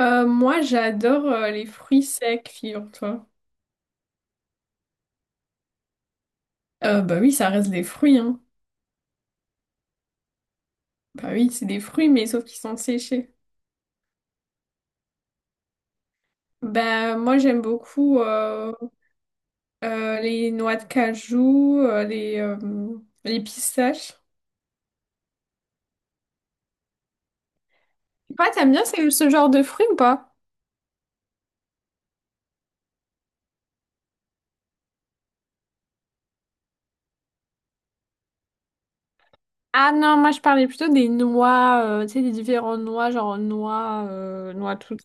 Moi, j'adore les fruits secs, figure-toi. Bah oui, ça reste des fruits, hein. Bah oui, c'est des fruits, mais sauf qu'ils sont séchés. Bah moi, j'aime beaucoup les noix de cajou, euh, les pistaches. Toi, t'aimes bien ce genre de fruits ou pas? Ah non, moi, je parlais plutôt des noix, tu sais, des différentes noix, genre noix, noix toutes.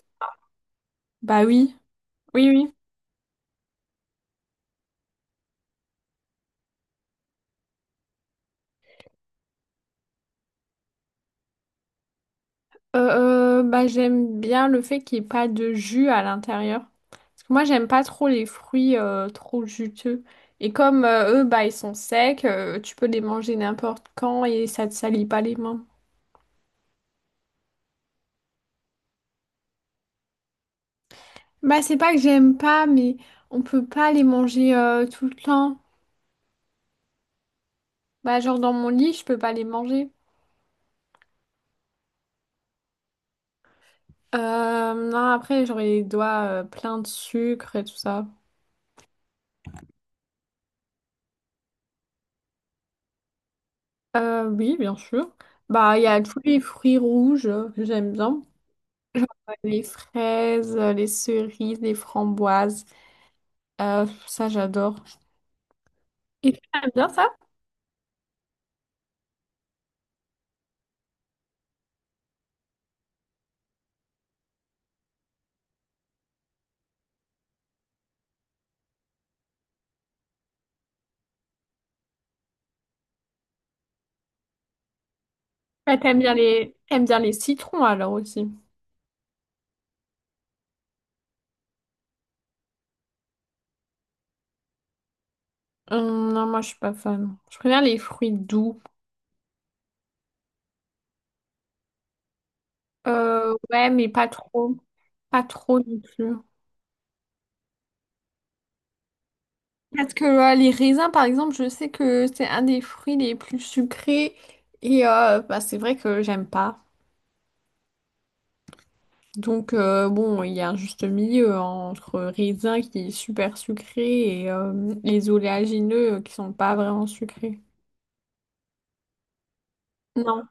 Bah oui, oui, oui. Bah j'aime bien le fait qu'il n'y ait pas de jus à l'intérieur. Moi, j'aime pas trop les fruits trop juteux. Et comme eux, bah, ils sont secs, tu peux les manger n'importe quand et ça te salit pas les mains. Bah, c'est pas que j'aime pas, mais on peut pas les manger tout le temps. Bah, genre dans mon lit, je peux pas les manger. Non, après, j'aurais les doigts pleins de sucre et tout ça. Oui, bien sûr. Bah, il y a tous les fruits rouges que j'aime bien. Les fraises, les cerises, les framboises. Ça, j'adore. Et tu aimes bien ça? Ouais, t'aimes bien les t'aimes bien les citrons alors aussi. Non, moi je suis pas fan. Je préfère les fruits doux. Ouais, mais pas trop. Pas trop non plus. Parce que les raisins, par exemple, je sais que c'est un des fruits les plus sucrés. Et bah, c'est vrai que j'aime pas. Donc bon, il y a un juste milieu entre raisin qui est super sucré et les oléagineux qui sont pas vraiment sucrés. Non.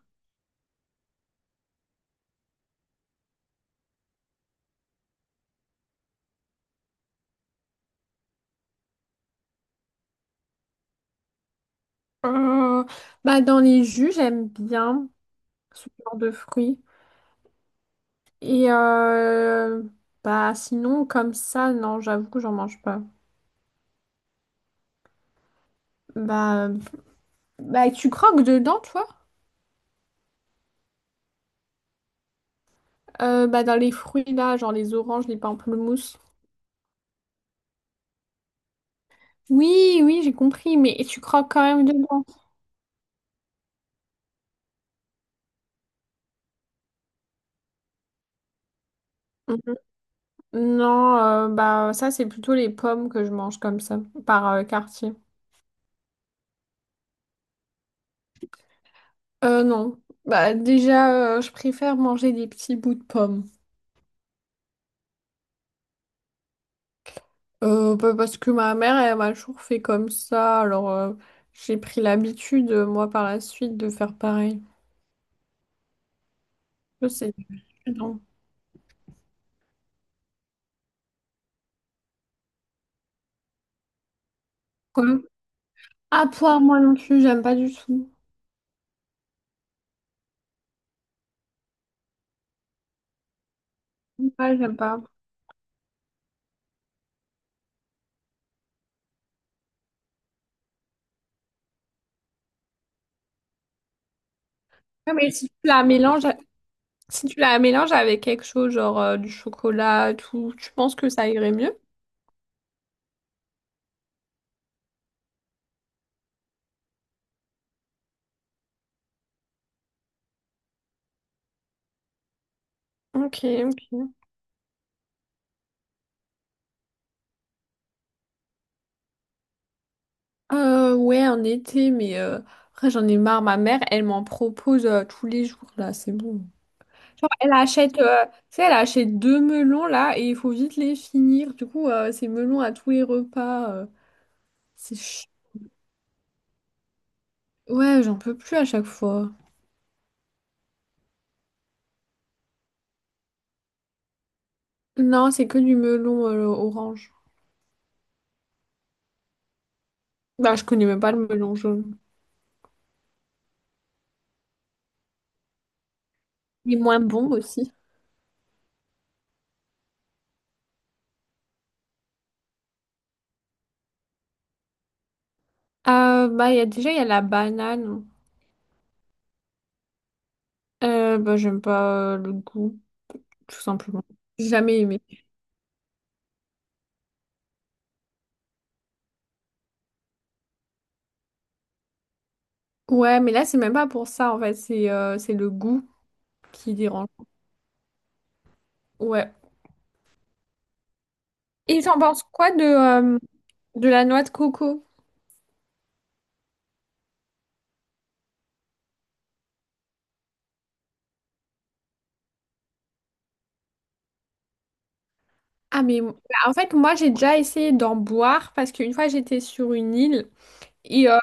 Euh, Bah dans les jus, j'aime bien ce genre de fruits. Et euh, Bah sinon comme ça non j'avoue que j'en mange pas. Bah euh, Bah tu croques dedans toi? Bah dans les fruits là genre les oranges, les pamplemousses. Oui oui j'ai compris mais tu croques quand même dedans. Mhm. Non Bah ça c'est plutôt les pommes que je mange comme ça par quartier. Non bah déjà, je préfère manger des petits bouts de pommes. Bah, parce que ma mère, elle m'a toujours fait comme ça, alors j'ai pris l'habitude, moi, par la suite, de faire pareil. Je sais, non. Quoi? Ah, poire, moi non plus, j'aime pas du tout. Ouais, j'aime pas. Ouais, mais si tu la mélanges, si tu la mélanges avec quelque chose, genre du chocolat, et tout, tu penses que ça irait mieux? Ok, ok. Ouais, en été, mais après, j'en ai marre. Ma mère, elle m'en propose tous les jours, là, c'est bon. Genre, elle achète, tu sais, elle achète deux melons là et il faut vite les finir. Du coup, c'est melons à tous les repas. C'est chi- Ouais, j'en peux plus à chaque fois. Non, c'est que du melon orange. Bah, je connais même pas le melon jaune. Il est moins bon aussi. Bah, il y a déjà, il y a la banane. Bah, j'aime pas le goût, tout simplement. J'ai jamais aimé. Ouais, mais là, c'est même pas pour ça en fait. C'est le goût qui dérange. Ouais. Et t'en penses quoi de la noix de coco? Ah mais bah, en fait moi j'ai déjà essayé d'en boire parce qu'une fois j'étais sur une île et euh,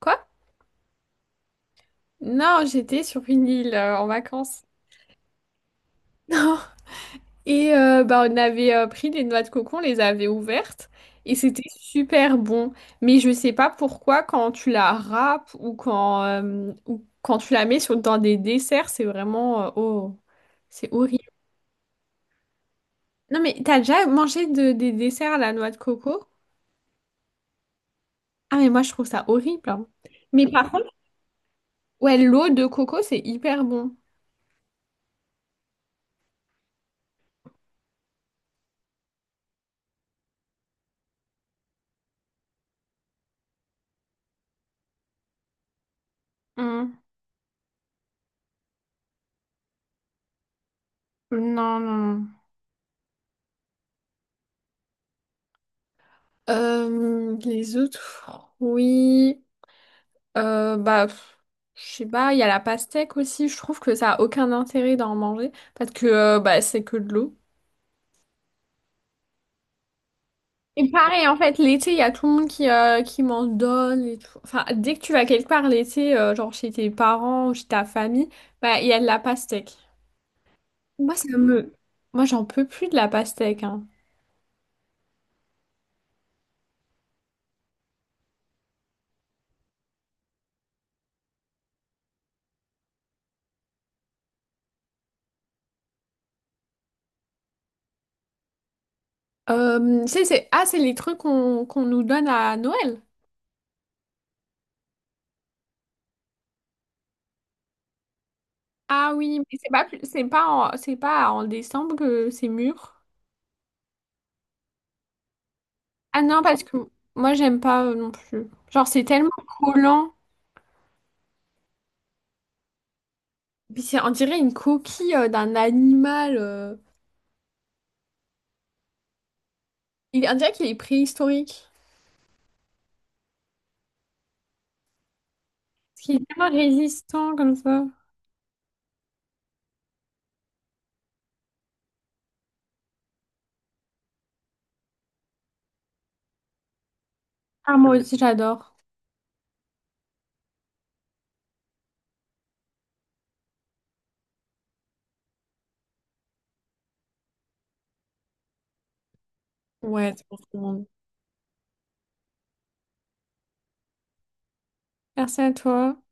quoi? Non j'étais sur une île en vacances. Non. Et bah on avait pris des noix de coco, on les avait ouvertes et c'était super bon. Mais je sais pas pourquoi quand tu la râpes ou quand tu la mets sur, dans des desserts c'est vraiment oh c'est horrible. Non mais t'as déjà mangé de- des desserts à la noix de coco? Ah mais moi je trouve ça horrible, hein. Mais par contre ouais, l'eau de coco, c'est hyper bon. Hmm. Non, non, non. Les autres fruits, bah, pff, je sais pas, il y a la pastèque aussi, je trouve que ça a aucun intérêt d'en manger, parce que bah, c'est que de l'eau. Et pareil, en fait, l'été, il y a tout le monde qui, qui m'en donne et tout. Enfin, dès que tu vas quelque part l'été, genre chez tes parents, chez ta famille, bah, il y a de la pastèque. Moi, ça me Moi, j'en peux plus de la pastèque, hein. C'est ah, c'est les trucs qu'on nous donne à Noël. Ah oui, mais c'est pas, c'est pas en décembre que c'est mûr. Ah non, parce que moi, j'aime pas non plus. Genre, c'est tellement collant. Puis c'est, on dirait une coquille d'un animal. Il, on dirait qu'il est préhistorique. Parce qu'il est tellement résistant comme ça. Ah, moi aussi, j'adore. Ouais, c'est pour tout le monde. Merci à toi.